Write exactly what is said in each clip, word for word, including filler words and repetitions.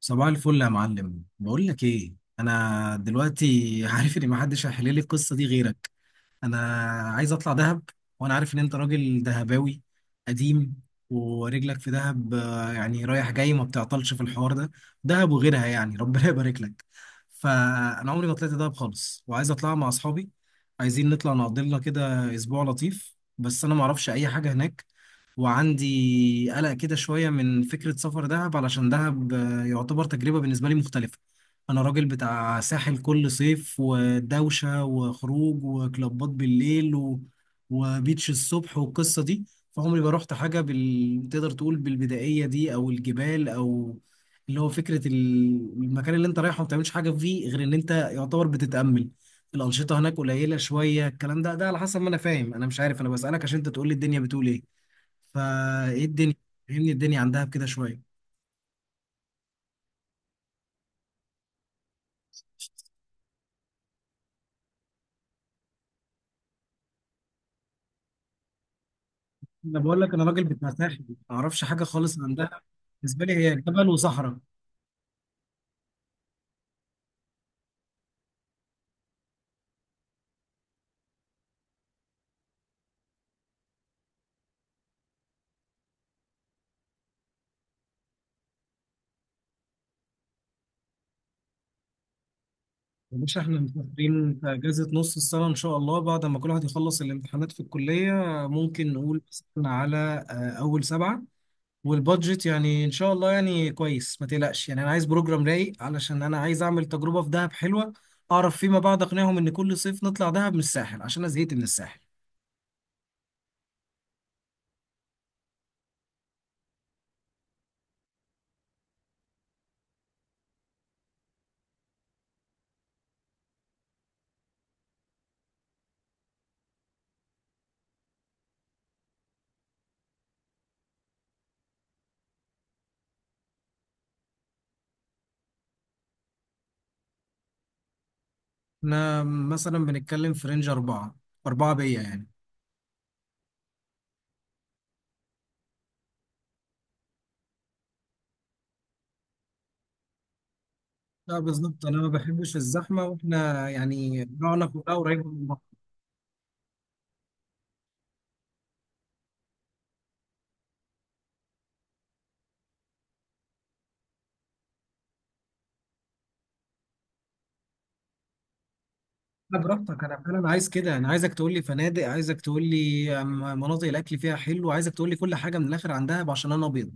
صباح الفل يا معلم، بقول لك ايه. انا دلوقتي عارف ان محدش هيحل لي القصه دي غيرك. انا عايز اطلع دهب، وانا عارف ان انت راجل دهباوي قديم ورجلك في دهب، آه، يعني رايح جاي، ما بتعطلش في الحوار ده. دهب وغيرها يعني ربنا يبارك لك. فانا عمري ما طلعت دهب خالص، وعايز اطلع مع اصحابي. عايزين نطلع نقضي لنا كده اسبوع لطيف، بس انا ما اعرفش اي حاجه هناك. وعندي قلق كده شوية من فكرة سفر دهب، علشان دهب آه، يعتبر تجربة بالنسبة لي مختلفة. أنا راجل بتاع ساحل كل صيف ودوشة وخروج وكلابات بالليل و... وبيتش الصبح والقصة دي. فعمري ما رحت حاجة بال... تقدر تقول بالبدائية دي أو الجبال أو اللي هو فكرة ال- المكان اللي أنت رايحه ما بتعملش حاجة فيه غير إن أنت يعتبر بتتأمل. الأنشطة هناك قليلة شوية، الكلام ده ده على حسب ما أنا فاهم، أنا مش عارف، أنا بسألك عشان أنت تقول لي الدنيا بتقول إيه. فايه الدنيا؟ فهمني الدنيا عندها بكده شويه. انا بقول لك، انا راجل بتاع ساحل، ما اعرفش حاجه خالص عندها. بالنسبه لي هي جبل وصحراء. يا باشا، احنا مسافرين في اجازه نص السنه ان شاء الله، بعد ما كل واحد يخلص الامتحانات في الكليه. ممكن نقول مثلا على آه، اول سبعة. والبادجت يعني ان شاء الله يعني كويس، ما تقلقش. يعني انا عايز بروجرام رايق علشان انا عايز اعمل تجربه في دهب حلوه، اعرف فيما بعد اقنعهم ان كل صيف نطلع دهب من الساحل عشان انا زهقت من الساحل. احنا مثلا بنتكلم في رينج أربعة، أربعة بيا يعني. لا بالظبط، أنا ما بحبش الزحمة، وإحنا يعني جوعنا كلها قريبة من بعض. لا براحتك، أنا فعلا عايز كده. أنا عايزك تقول لي فنادق، عايزك تقول لي مناطق الأكل فيها حلو، عايزك تقول لي كل حاجة من الآخر عندها عشان أنا أبيض.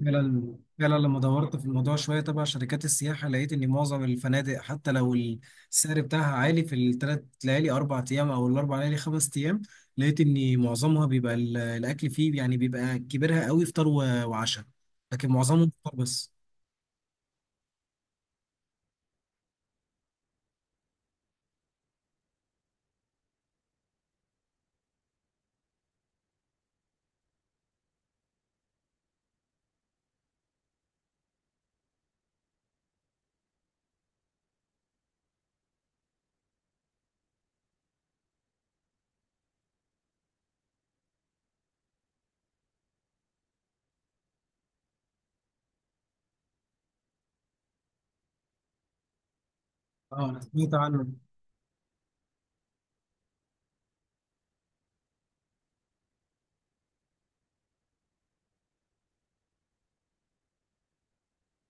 فعلا فعلا لما دورت في الموضوع شويه تبع شركات السياحه، لقيت ان معظم الفنادق حتى لو السعر بتاعها عالي في الثلاث ليالي اربع ايام او الاربع ليالي خمس ايام، لقيت ان معظمها بيبقى ال- الاكل فيه، يعني بيبقى كبيرها قوي، فطار و- وعشاء، لكن معظمهم فطار بس. اه انا سمعت عنه.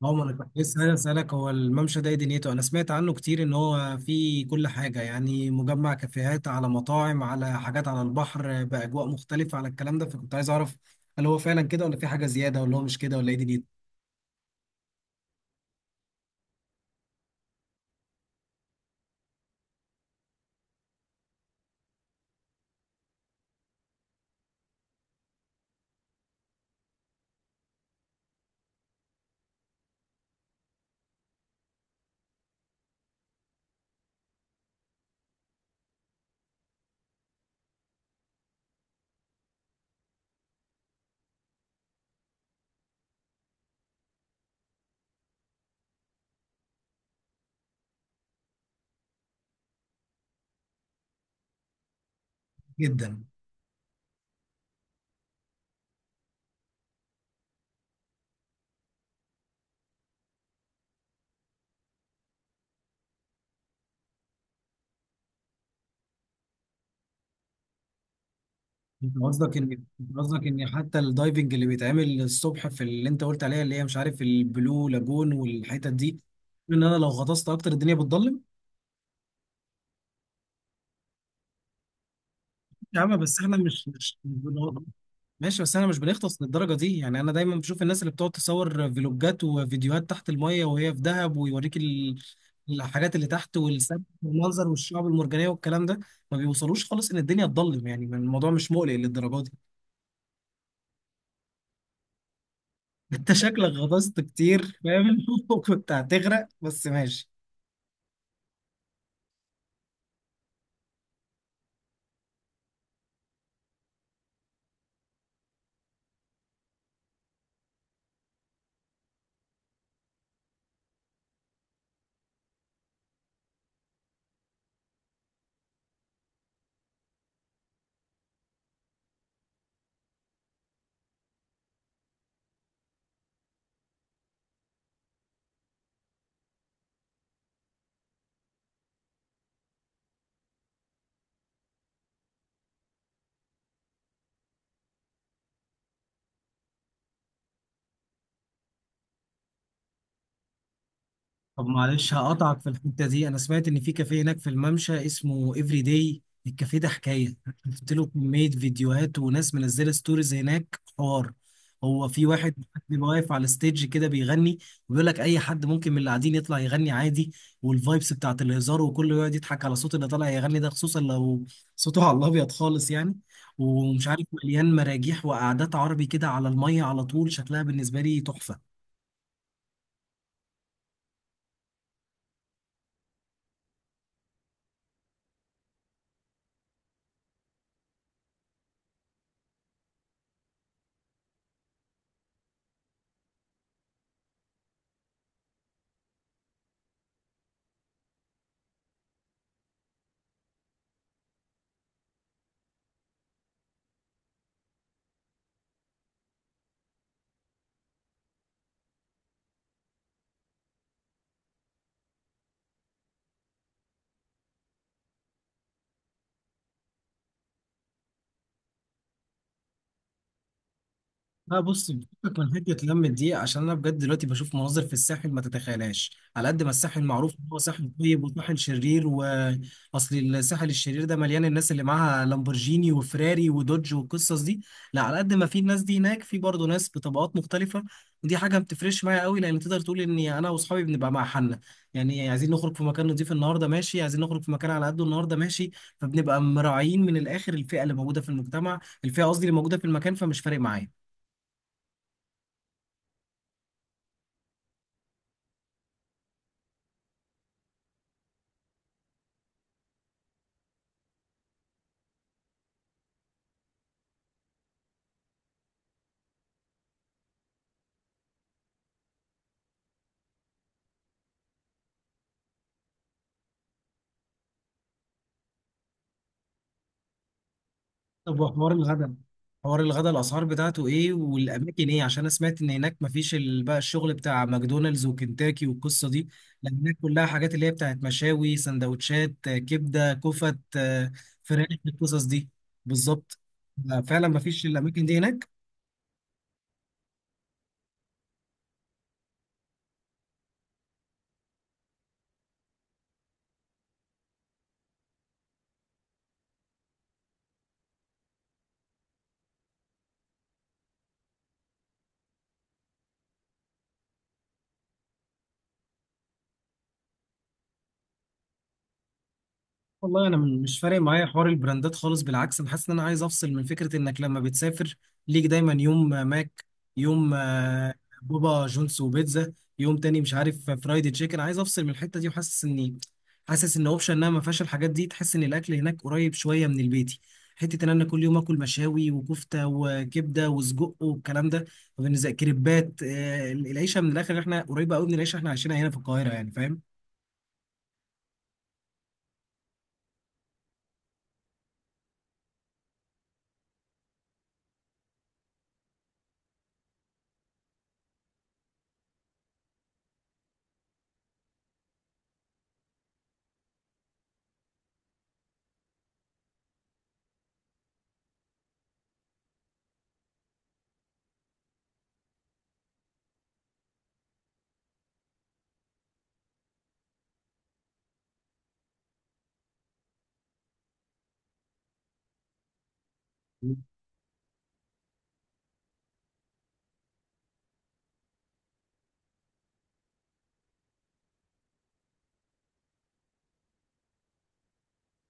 عمر، انا كنت لسه عايز اسالك، هو الممشى ده إيه دنيته؟ انا سمعت عنه كتير ان هو فيه كل حاجه، يعني مجمع كافيهات على مطاعم على حاجات على البحر باجواء مختلفه، على الكلام ده، فكنت عايز اعرف هل هو فعلا كده ولا في حاجه زياده، ولا هو مش كده، ولا ايه دنيته. جدا. انت قصدك ان انت قصدك ان حتى الدايفنج اللي بيتعمل الصبح في اللي انت قلت عليها، اللي هي مش عارف البلو لاجون والحتت دي، ان انا لو غطست اكتر الدنيا بتضلم؟ يا عم بس احنا مش مش ماشي، بس انا مش بنغطس للدرجه دي يعني. انا دايما بشوف الناس اللي بتقعد تصور فيلوجات وفيديوهات تحت الميه وهي في دهب، ويوريك ال- الحاجات اللي تحت والسمك والمنظر والشعاب المرجانيه والكلام ده، ما بيوصلوش خالص ان الدنيا تضلم، يعني الموضوع مش مقلق للدرجه دي. انت شكلك غطست كتير فاهم وكنت هتغرق، بس ماشي. طب معلش هقطعك في الحتة دي. أنا سمعت إن في كافيه هناك في الممشى اسمه إفري داي. الكافيه ده حكاية، شفت له كمية فيديوهات وناس منزلة ستوريز هناك حوار. هو في واحد بيبقى واقف على الستيج كده بيغني، وبيقول لك أي حد ممكن من اللي قاعدين يطلع يغني عادي، والفايبس بتاعت الهزار وكله يقعد يضحك على صوت اللي طالع يغني ده، خصوصا لو صوته على الأبيض خالص يعني. ومش عارف مليان مراجيح وقعدات عربي كده على المية على طول، شكلها بالنسبة لي تحفة. لا بص، فكك من حته لم دي عشان انا بجد دلوقتي بشوف مناظر في الساحل ما تتخيلهاش، على قد ما الساحل معروف ان هو ساحل طيب وساحل شرير، واصل الساحل الشرير ده مليان الناس اللي معاها لامبورجيني وفراري ودوج والقصص دي. لا على قد ما في الناس دي هناك، في برضه ناس بطبقات مختلفه، ودي حاجه ما بتفرقش معايا قوي، لان تقدر تقول اني انا واصحابي بنبقى مع حالنا. يعني عايزين نخرج في مكان نضيف النهارده ماشي، عايزين نخرج في مكان على قده النهارده ماشي. فبنبقى مراعيين من الاخر الفئه اللي موجوده في المجتمع، الفئه قصدي اللي موجوده في المكان، فمش فارق معايا. طب وحوار الغدا، حوار الغدا الاسعار بتاعته ايه والاماكن ايه؟ عشان انا سمعت ان هناك مفيش ال- بقى الشغل بتاع ماكدونالدز وكنتاكي والقصه دي، لان هناك كلها حاجات اللي هي بتاعت مشاوي، سندوتشات آه، كبده كفت آه، فراخ، القصص دي. بالظبط. آه، فعلا مفيش الاماكن دي هناك. والله انا م- مش فارق معايا حوار البراندات خالص، بالعكس انا حاسس ان انا عايز افصل من فكره انك لما بتسافر ليك دايما يوم آه، ماك، يوم آه، بابا جونز وبيتزا، يوم تاني مش عارف آه، فرايدي تشيكن. عايز افصل من الحته دي، وحاسس اني حاسس ان اوبشن انها ما فيهاش الحاجات دي، تحس ان الاكل هناك قريب شويه من البيتي، حته ان انا كل يوم اكل مشاوي وكفته وكبده وسجق والكلام ده. وبالنسبه كريبات آه، العيشه من الاخر احنا قريبه قوي من العيشه احنا عايشينها هنا في القاهره يعني فاهم.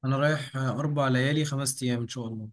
انا رايح آه، اربع ليالي خمس ايام ان شاء الله.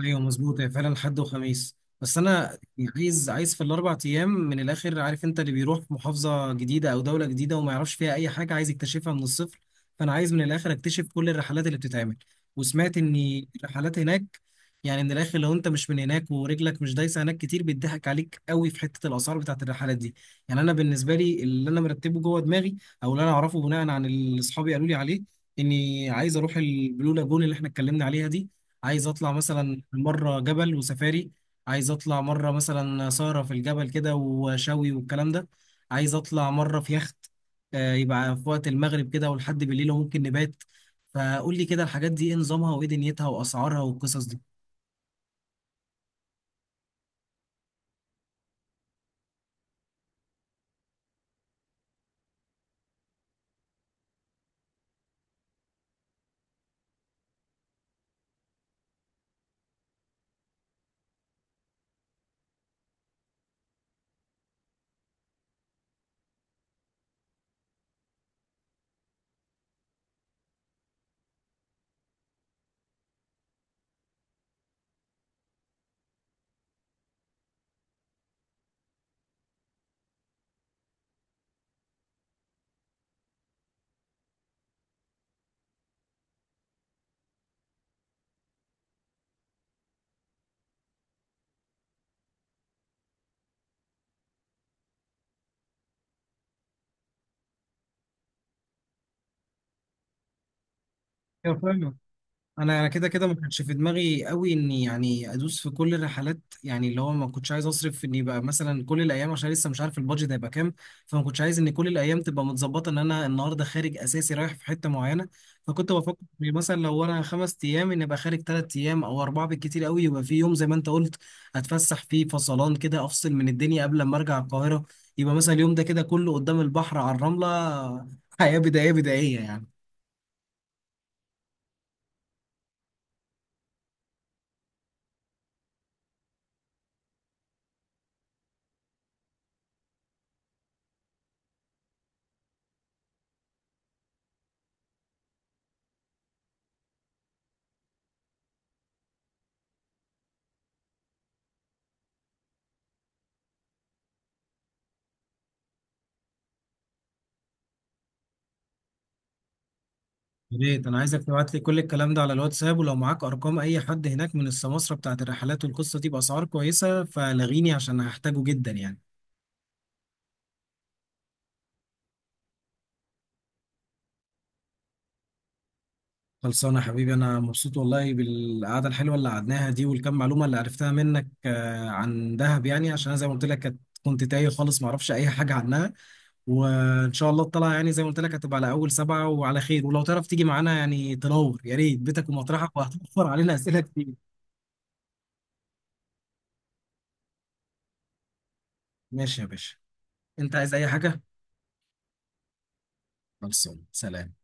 ايوه مظبوط، هي فعلا حد وخميس، بس انا عايز عايز في الاربع ايام من الاخر، عارف انت اللي بيروح في محافظه جديده او دوله جديده وما يعرفش فيها اي حاجه، عايز يكتشفها من الصفر، فانا عايز من الاخر اكتشف كل الرحلات اللي بتتعمل. وسمعت ان الرحلات هناك، يعني من الاخر لو انت مش من هناك ورجلك مش دايسه هناك كتير، بيضحك عليك قوي في حته الاسعار بتاعت الرحلات دي. يعني انا بالنسبه لي اللي انا مرتبه جوه دماغي، او اللي انا اعرفه بناء عن اللي اصحابي قالوا لي عليه، اني عايز اروح البلو لاجون اللي احنا اتكلمنا عليها دي، عايز اطلع مثلا مره جبل وسفاري، عايز اطلع مره مثلا سهره في الجبل كده وشوي والكلام ده، عايز اطلع مره في يخت، آه، يبقى في وقت المغرب كده ولحد بالليل وممكن نبات. فقول لي كده الحاجات دي ايه نظامها وايه دنيتها واسعارها والقصص دي. انا انا كده كده ما كانش في دماغي قوي اني يعني ادوس في كل الرحلات، يعني اللي هو ما كنتش عايز اصرف في اني بقى مثلا كل الايام عشان لسه مش عارف البادجت هيبقى كام. فما كنتش عايز ان كل الايام تبقى متظبطه ان انا النهارده خارج اساسي رايح في حته معينه. فكنت بفكر إني مثلا لو انا خمس ايام ان ابقى خارج ثلاث ايام او اربعة بالكتير قوي، يبقى في يوم زي ما انت قلت اتفسح فيه فصلان كده، افصل من الدنيا قبل ما ارجع القاهره. يبقى مثلا اليوم ده كده كله قدام البحر على الرمله، حياه بدائيه بدائيه يعني. يا ريت انا عايزك تبعت لي كل الكلام ده على الواتساب، ولو معاك ارقام اي حد هناك من السماسرة بتاعت الرحلات والقصة دي باسعار كويسة فلغيني، عشان هحتاجه جدا يعني. خلصانه يا حبيبي، انا مبسوط والله بالقعدة الحلوة اللي قعدناها دي والكم معلومة اللي عرفتها منك آه، عن دهب، يعني عشان انا زي ما قلت لك كانت- كنت تايه خالص، ما اعرفش اي حاجة عنها. وان شاء الله الطلعة يعني زي ما قلت لك هتبقى على اول سبعة وعلى خير، ولو تعرف تيجي معانا يعني تنور يا ريت بيتك ومطرحك، وهتوفر علينا اسئلة كتير. ماشي يا باشا. انت عايز اي حاجة؟ خلصانه، سلام.